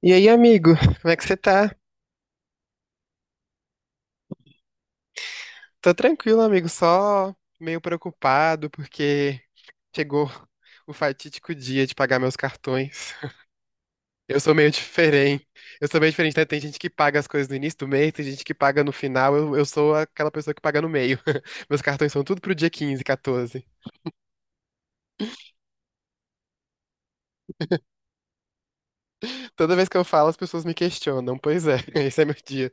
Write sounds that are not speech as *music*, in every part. E aí, amigo, como é que você tá? Tô tranquilo, amigo, só meio preocupado porque chegou o fatídico dia de pagar meus cartões. *laughs* Eu sou meio diferente. Eu sou meio diferente, né? Tem gente que paga as coisas no início do mês, tem gente que paga no final. Eu sou aquela pessoa que paga no meio. *laughs* Meus cartões são tudo pro dia 15, 14. Toda vez que eu falo, as pessoas me questionam. Pois é, *laughs* esse é meu dia.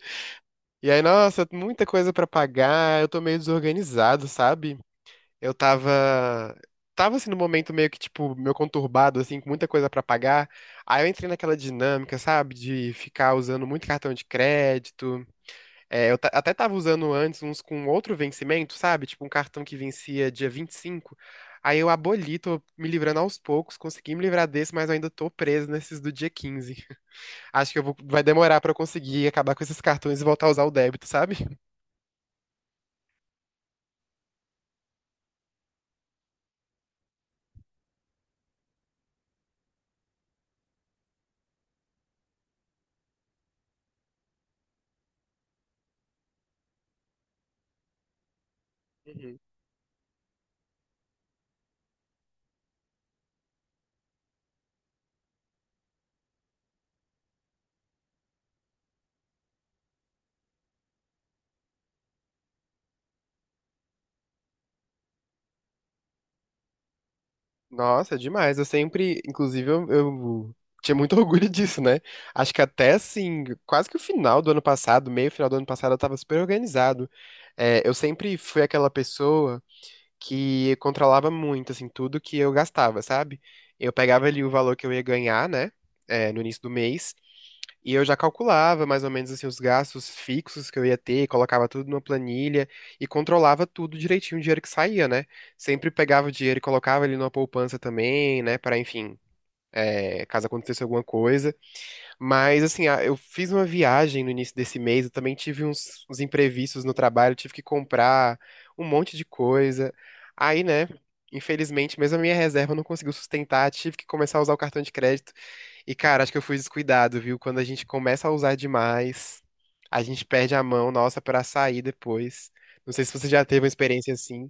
E aí, nossa, muita coisa pra pagar. Eu tô meio desorganizado, sabe? Eu tava. Tava assim no momento meio que, tipo, meio conturbado, assim, com muita coisa pra pagar. Aí eu entrei naquela dinâmica, sabe, de ficar usando muito cartão de crédito. É, até tava usando antes uns com outro vencimento, sabe? Tipo, um cartão que vencia dia 25. Aí eu aboli, tô me livrando aos poucos, consegui me livrar desse, mas eu ainda tô preso nesses do dia 15. Acho que vai demorar pra eu conseguir acabar com esses cartões e voltar a usar o débito, sabe? Nossa, é demais. Eu sempre, inclusive, eu tinha muito *laughs* orgulho disso, né? Acho que até assim, quase que o final do ano passado, meio final do ano passado, eu tava super organizado. É, eu sempre fui aquela pessoa que controlava muito, assim, tudo que eu gastava, sabe? Eu pegava ali o valor que eu ia ganhar, né? No início do mês, e eu já calculava mais ou menos assim os gastos fixos que eu ia ter, colocava tudo numa planilha e controlava tudo direitinho o dinheiro que saía, né? Sempre pegava o dinheiro e colocava ele numa poupança também, né? Para, enfim, caso acontecesse alguma coisa. Mas assim, eu fiz uma viagem no início desse mês, eu também tive uns imprevistos no trabalho, tive que comprar um monte de coisa. Aí, né? Infelizmente, mesmo a minha reserva não conseguiu sustentar, tive que começar a usar o cartão de crédito. E, cara, acho que eu fui descuidado, viu? Quando a gente começa a usar demais, a gente perde a mão, nossa, pra sair depois. Não sei se você já teve uma experiência assim.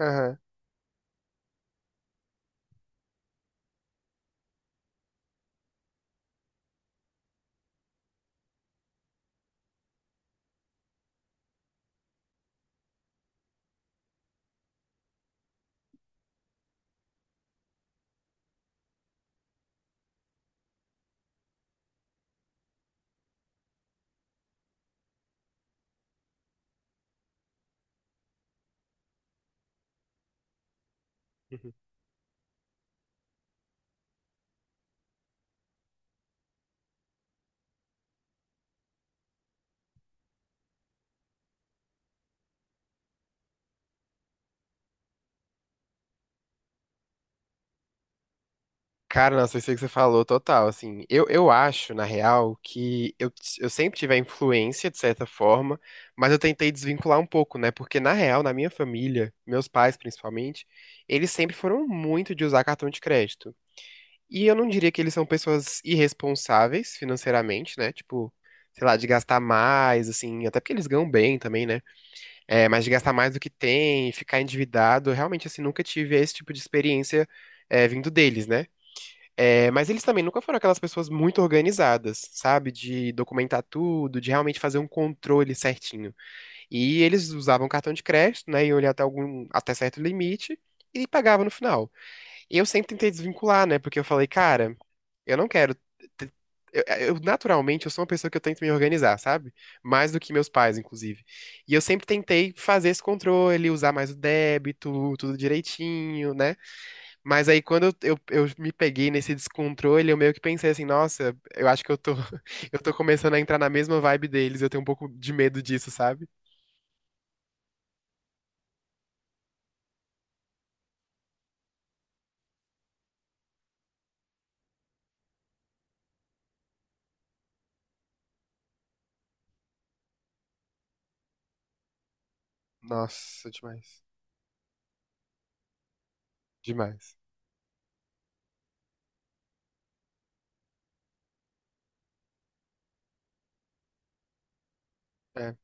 Aham. Uhum. Cara, nossa, isso aí que você falou, total, assim, eu acho, na real, eu sempre tive a influência, de certa forma, mas eu tentei desvincular um pouco, né, porque, na real, na minha família, meus pais, principalmente, eles sempre foram muito de usar cartão de crédito, e eu não diria que eles são pessoas irresponsáveis financeiramente, né, tipo, sei lá, de gastar mais, assim, até porque eles ganham bem também, né, mas de gastar mais do que tem, ficar endividado, realmente, assim, nunca tive esse tipo de experiência, vindo deles, né, mas eles também nunca foram aquelas pessoas muito organizadas, sabe? De documentar tudo, de realmente fazer um controle certinho. E eles usavam cartão de crédito, né? E olhar até algum, até certo limite e pagavam no final. E eu sempre tentei desvincular, né? Porque eu falei, cara, eu não quero. te- Eu, naturalmente, eu sou uma pessoa que eu tento me organizar, sabe? Mais do que meus pais, inclusive. E eu sempre tentei fazer esse controle, usar mais o débito, tudo direitinho, né? Mas aí quando eu me peguei nesse descontrole, eu meio que pensei assim, nossa, eu acho que eu tô, *laughs* eu tô começando a entrar na mesma vibe deles, eu tenho um pouco de medo disso, sabe? Nossa, demais. Demais. É.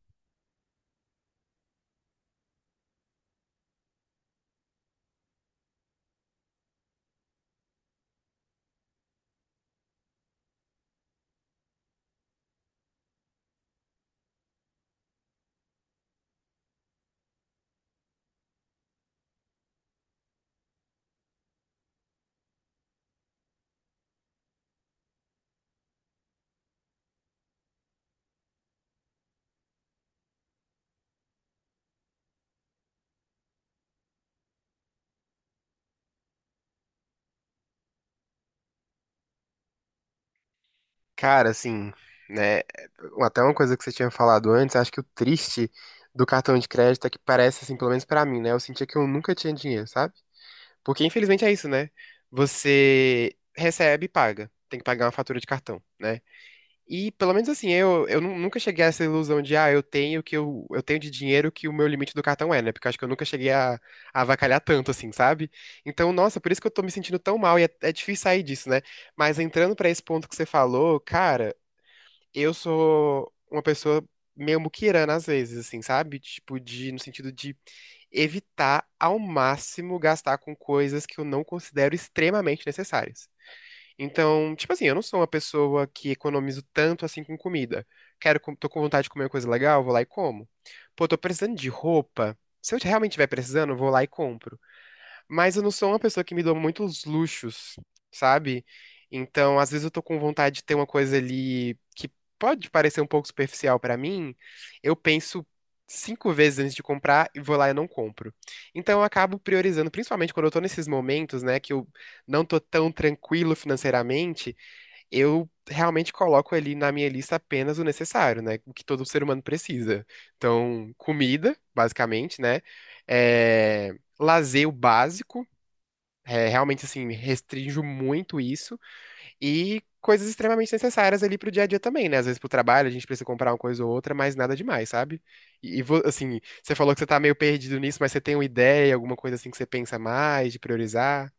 Cara, assim, né? Até uma coisa que você tinha falado antes, acho que o triste do cartão de crédito é que parece, assim, pelo menos pra mim, né? Eu sentia que eu nunca tinha dinheiro, sabe? Porque infelizmente é isso, né? Você recebe e paga. Tem que pagar uma fatura de cartão, né? E pelo menos assim, nunca cheguei a essa ilusão de, ah, eu tenho de dinheiro que o meu limite do cartão é, né? Porque eu acho que eu nunca cheguei a avacalhar tanto, assim, sabe? Então, nossa, por isso que eu tô me sentindo tão mal e é difícil sair disso, né? Mas entrando pra esse ponto que você falou, cara, eu sou uma pessoa meio muquirana às vezes, assim, sabe? Tipo, de, no sentido de evitar ao máximo gastar com coisas que eu não considero extremamente necessárias. Então, tipo assim, eu não sou uma pessoa que economizo tanto assim com comida. Quero, tô com vontade de comer uma coisa legal, vou lá e como. Pô, tô precisando de roupa. Se eu realmente estiver precisando, eu vou lá e compro. Mas eu não sou uma pessoa que me dou muitos luxos, sabe? Então, às vezes eu tô com vontade de ter uma coisa ali que pode parecer um pouco superficial pra mim. Eu penso cinco vezes antes de comprar e vou lá e não compro. Então, eu acabo priorizando, principalmente quando eu tô nesses momentos, né, que eu não tô tão tranquilo financeiramente, eu realmente coloco ali na minha lista apenas o necessário, né? O que todo ser humano precisa. Então, comida, basicamente, né? É... Lazer o básico é, realmente, assim, restrinjo muito isso. E coisas extremamente necessárias ali pro dia a dia também, né? Às vezes pro trabalho a gente precisa comprar uma coisa ou outra, mas nada demais, sabe? Assim, você falou que você tá meio perdido nisso, mas você tem uma ideia, alguma coisa assim que você pensa mais, de priorizar?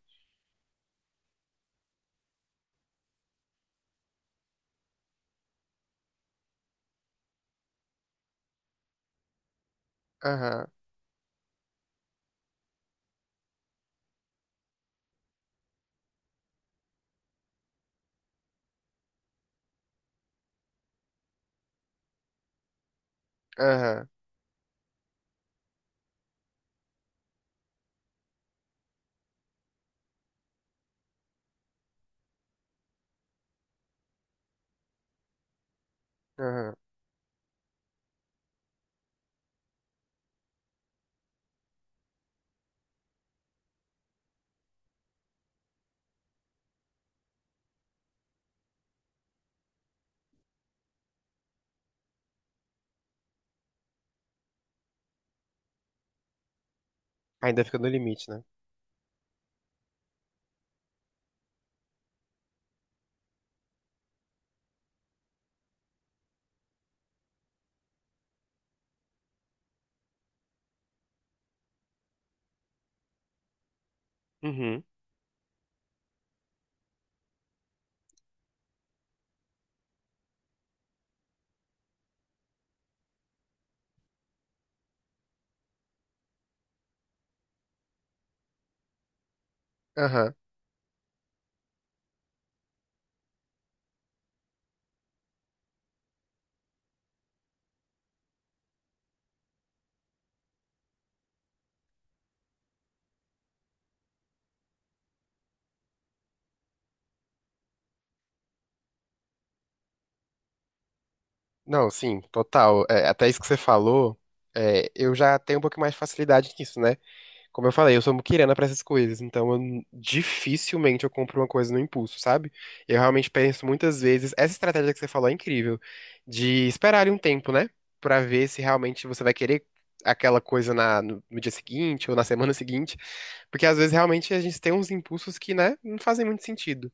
Aham, aham, aham. Ainda fica no limite, né? Uhum, aham. Não, sim, total. É, até isso que você falou, eu já tenho um pouco mais de facilidade nisso, né? Como eu falei, eu sou muquirana pra essas coisas, então dificilmente eu compro uma coisa no impulso, sabe? Eu realmente penso muitas vezes, essa estratégia que você falou é incrível, de esperar ali um tempo, né? Pra ver se realmente você vai querer aquela coisa na, no, no dia seguinte ou na semana *laughs* seguinte, porque às vezes realmente a gente tem uns impulsos que, né, não fazem muito sentido.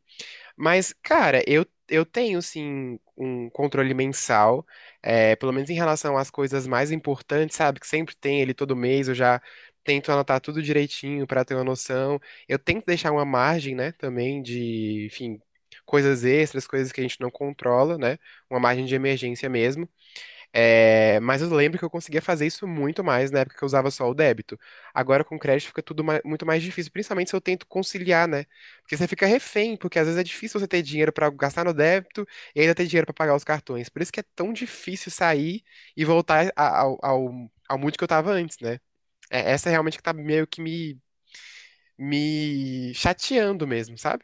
Mas, cara, eu tenho sim um controle mensal, pelo menos em relação às coisas mais importantes, sabe? Que sempre tem ele todo mês, eu já tento anotar tudo direitinho pra ter uma noção. Eu tento deixar uma margem, né, também de, enfim, coisas extras, coisas que a gente não controla, né? Uma margem de emergência mesmo. É, mas eu lembro que eu conseguia fazer isso muito mais na época que eu usava só o débito. Agora com crédito fica tudo muito mais difícil, principalmente se eu tento conciliar, né? Porque você fica refém, porque às vezes é difícil você ter dinheiro pra gastar no débito e ainda ter dinheiro pra pagar os cartões. Por isso que é tão difícil sair e voltar a- ao, ao, ao mood que eu tava antes, né? É, essa é realmente que tá meio que me chateando mesmo, sabe?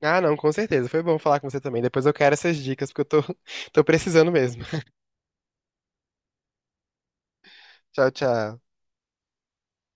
Ah, não, com certeza. Foi bom falar com você também. Depois eu quero essas dicas, porque eu tô, *laughs* tô precisando mesmo. Tchau, tchau.